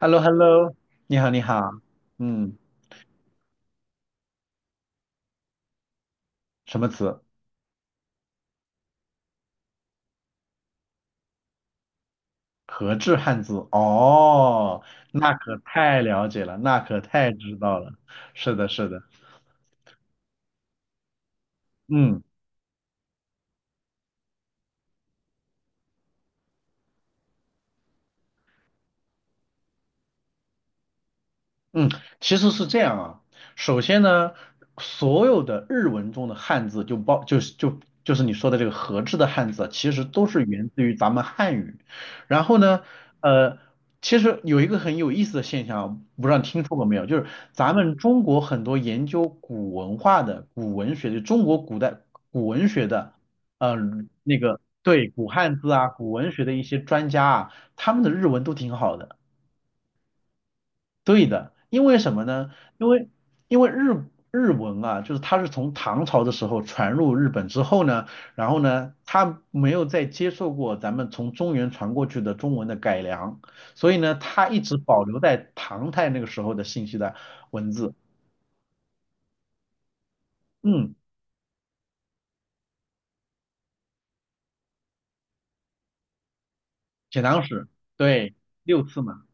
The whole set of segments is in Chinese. hello hello 你好，你好，嗯，什么词？和制汉字？哦，那可太了解了，那可太知道了，是的，是的，嗯。嗯，其实是这样啊。首先呢，所有的日文中的汉字就包就是就就是你说的这个和制的汉字啊，其实都是源自于咱们汉语。然后呢，呃，其实有一个很有意思的现象啊，不知道你听说过没有，就是咱们中国很多研究古文化的、古文学的，中国古代古文学的，呃，那个对古汉字啊、古文学的一些专家啊，他们的日文都挺好的。对的，因为什么呢？因为日文啊，就是它是从唐朝的时候传入日本之后呢，然后呢，它没有再接受过咱们从中原传过去的中文的改良，所以呢，它一直保留在唐代那个时候的信息的文字。嗯，写唐史，对，6次嘛。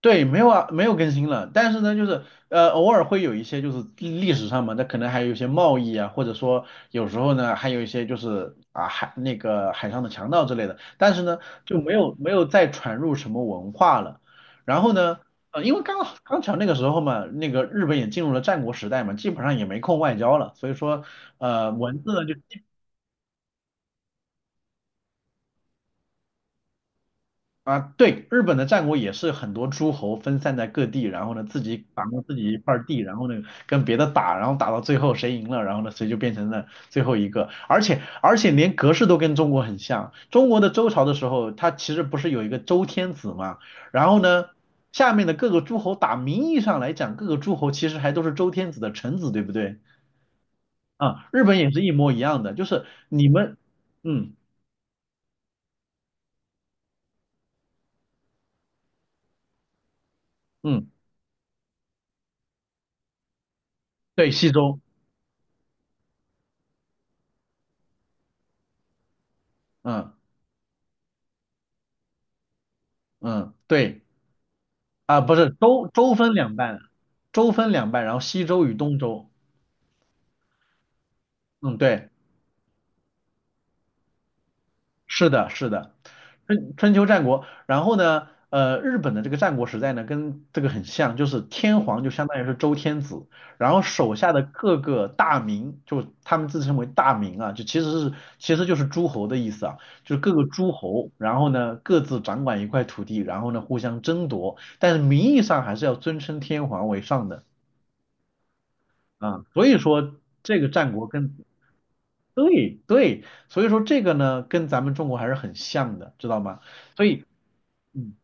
对，没有啊，没有更新了。但是呢，就是偶尔会有一些就是历史上嘛，那可能还有一些贸易啊，或者说有时候呢，还有一些就是啊海那个海上的强盗之类的。但是呢，就没有再传入什么文化了。然后呢，因为刚巧那个时候嘛，那个日本也进入了战国时代嘛，基本上也没空外交了，所以说文字呢就。啊，对，日本的战国也是很多诸侯分散在各地，然后呢自己掌握自己一块儿地，然后呢跟别的打，然后打到最后谁赢了，然后呢谁就变成了最后一个。而且连格式都跟中国很像，中国的周朝的时候，它其实不是有一个周天子嘛，然后呢下面的各个诸侯名义上来讲，各个诸侯其实还都是周天子的臣子，对不对？啊，日本也是一模一样的，就是你们，嗯嗯，对，西周，嗯嗯，对。啊，不是州分两半，州分两半，然后西周与东周。嗯，对，是的，是的，春秋战国。然后呢，日本的这个战国时代呢，跟这个很像，就是天皇就相当于是周天子，然后手下的各个大名，就他们自称为大名啊，就其实是其实就是诸侯的意思啊，就是各个诸侯，然后呢各自掌管一块土地，然后呢互相争夺，但是名义上还是要尊称天皇为上的。啊，所以说这个战国跟对对，所以说这个呢，跟咱们中国还是很像的，知道吗？所以，嗯。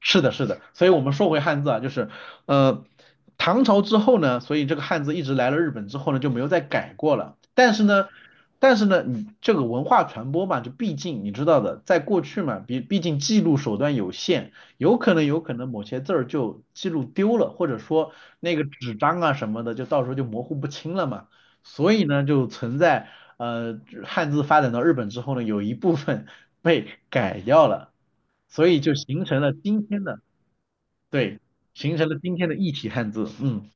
是的，是的，所以我们说回汉字啊，就是，呃，唐朝之后呢，所以这个汉字一直来了日本之后呢，就没有再改过了。但是呢，你这个文化传播嘛，就毕竟你知道的，在过去嘛，毕竟记录手段有限，有可能某些字儿就记录丢了，或者说那个纸张啊什么的，就到时候就模糊不清了嘛。所以呢，就存在呃汉字发展到日本之后呢，有一部分被改掉了。所以就形成了今天的，对，形成了今天的异体汉字。嗯，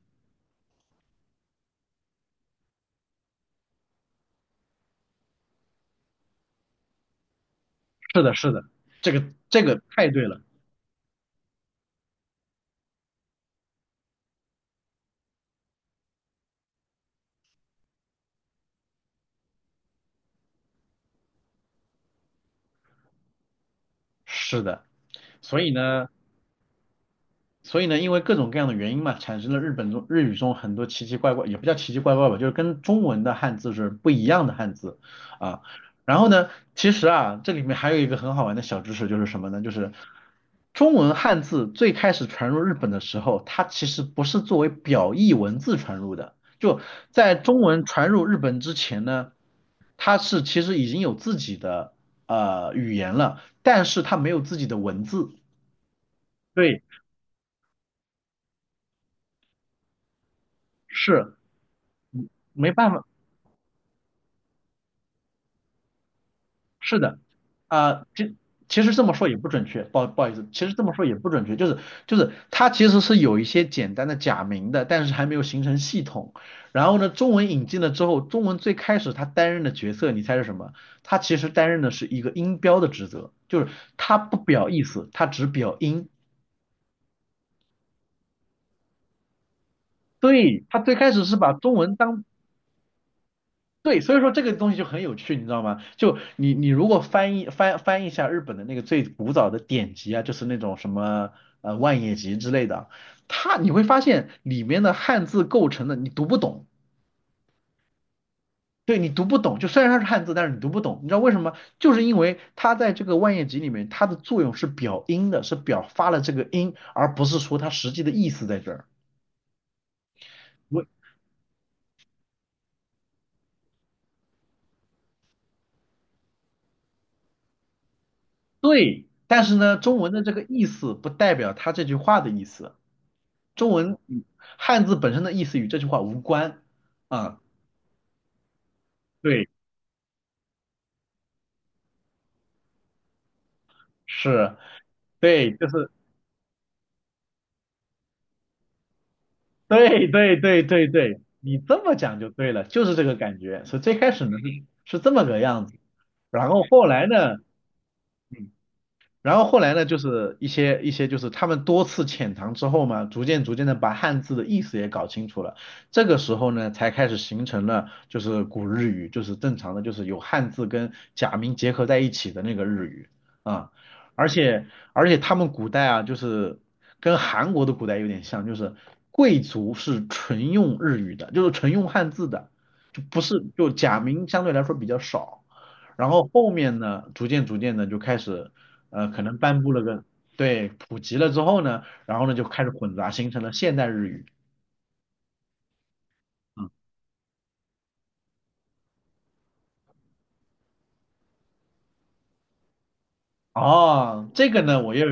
是的，是的，这个这个太对了，是的。所以呢，所以呢，因为各种各样的原因嘛，产生了日语中很多奇奇怪怪，也不叫奇奇怪怪吧，就是跟中文的汉字是不一样的汉字啊。然后呢，其实啊，这里面还有一个很好玩的小知识，就是什么呢？就是中文汉字最开始传入日本的时候，它其实不是作为表意文字传入的，就在中文传入日本之前呢，它是其实已经有自己的语言了，但是它没有自己的文字。对，是没办法。是的，啊、这其实这么说也不准确，不好意思，其实这么说也不准确，就是它其实是有一些简单的假名的，但是还没有形成系统。然后呢，中文引进了之后，中文最开始它担任的角色，你猜是什么？它其实担任的是一个音标的职责，就是它不表意思，它只表音。对，它最开始是把中文当对，所以说这个东西就很有趣，你知道吗？就你如果翻译一下日本的那个最古早的典籍啊，就是那种什么《万叶集》之类的，你会发现里面的汉字构成的你读不懂，对你读不懂，就虽然它是汉字，但是你读不懂，你知道为什么？就是因为它在这个《万叶集》里面，它的作用是表音的，是表发了这个音，而不是说它实际的意思在这儿。我对，但是呢，中文的这个意思不代表它这句话的意思。中文语汉字本身的意思与这句话无关。啊，对，是，对，就是对对对对对，你这么讲就对了，就是这个感觉。所以最开始呢是这么个样子，然后后来呢？嗯然后后来呢，就是一些就是他们多次潜藏之后嘛，逐渐逐渐的把汉字的意思也搞清楚了。这个时候呢，才开始形成了就是古日语，就是正常的，就是有汉字跟假名结合在一起的那个日语啊。而且而且他们古代啊，就是跟韩国的古代有点像，就是贵族是纯用日语的，就是纯用汉字的，就不是就假名相对来说比较少。然后后面呢，逐渐逐渐的就开始可能颁布了个，对，普及了之后呢，然后呢就开始混杂，形成了现代日语。嗯，哦，这个呢，我又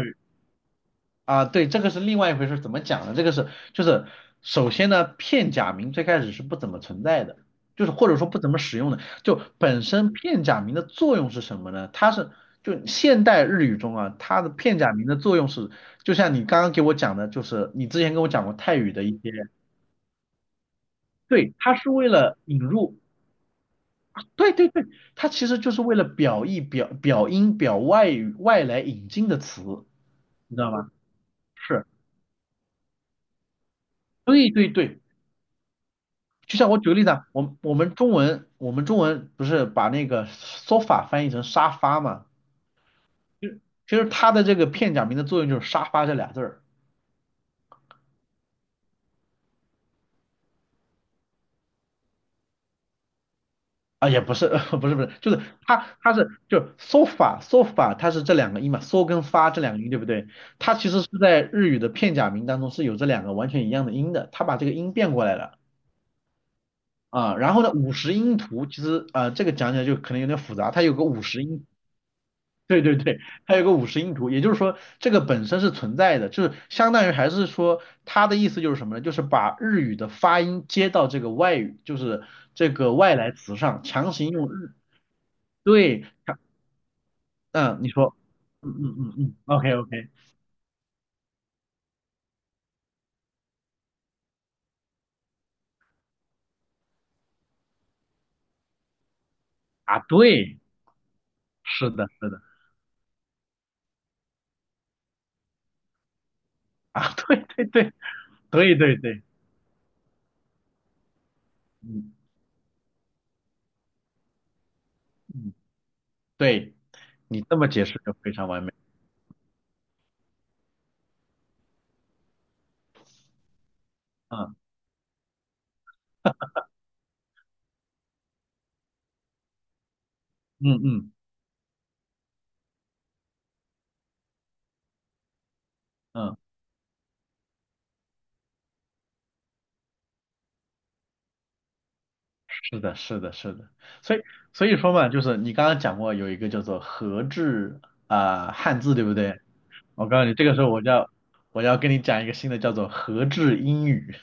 啊，对，这个是另外一回事，怎么讲呢？这个是就是首先呢，片假名最开始是不怎么存在的，就是或者说不怎么使用的。就本身片假名的作用是什么呢？就现代日语中啊，它的片假名的作用是，就像你刚刚给我讲的，就是你之前跟我讲过泰语的一些，对，它是为了引入。对对对，它其实就是为了表意、表音、表外语外来引进的词，你知道吗？是，对对对，就像我举个例子啊，我们中文不是把那个 sofa 翻译成沙发嘛？就其实它的这个片假名的作用就是沙发这俩字儿啊，也不是 不是不是，就是它是 sofa sofa 它是这两个音嘛，so 跟发这两个音对不对？它其实是在日语的片假名当中是有这两个完全一样的音的，它把这个音变过来了。啊、然后呢，五十音图其实啊，这个讲起来就可能有点复杂，它有个五十音，对对对，它有个五十音图，也就是说这个本身是存在的，就是相当于还是说它的意思就是什么呢？就是把日语的发音接到这个外语，就是这个外来词上，强行用日，对，强嗯，你说，嗯嗯嗯嗯，OK OK，啊，对，是的，是的，啊，对对对对对对，嗯嗯，对，你这么解释就非常完美，嗯嗯嗯。嗯，是的，是的，是的，所以所以说嘛，就是你刚刚讲过有一个叫做和制啊、汉字，对不对？我告诉你，这个时候我要跟你讲一个新的叫做和制英语，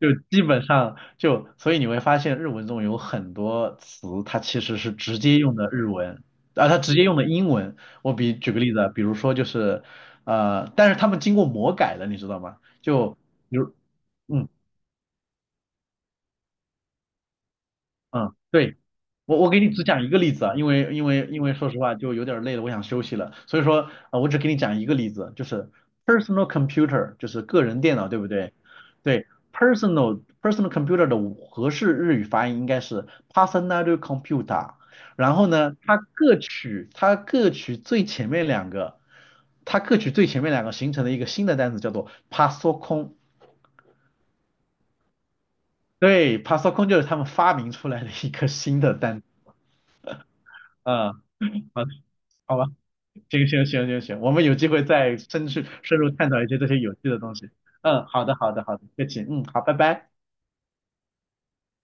基本上所以你会发现日文中有很多词它其实是直接用的日文啊，它直接用的英文。我举个例子啊，比如说就是但是他们经过魔改了，你知道吗？就比如。嗯。嗯，对，我给你只讲一个例子啊，因为说实话就有点儿累了，我想休息了，所以说我只给你讲一个例子，就是 personal computer，就是个人电脑，对不对？对，personal computer 的合适日语发音应该是 personal computer，然后呢，它各取最前面两个，它各取最前面两个形成了一个新的单词，叫做 p a s o c o n 对 pasocon 就是他们发明出来的一个新的单词，嗯。嗯好吧，行行行行行，我们有机会再深入探讨一些这些有趣的东西。嗯，好的好的好的，不客气，嗯，好，拜拜。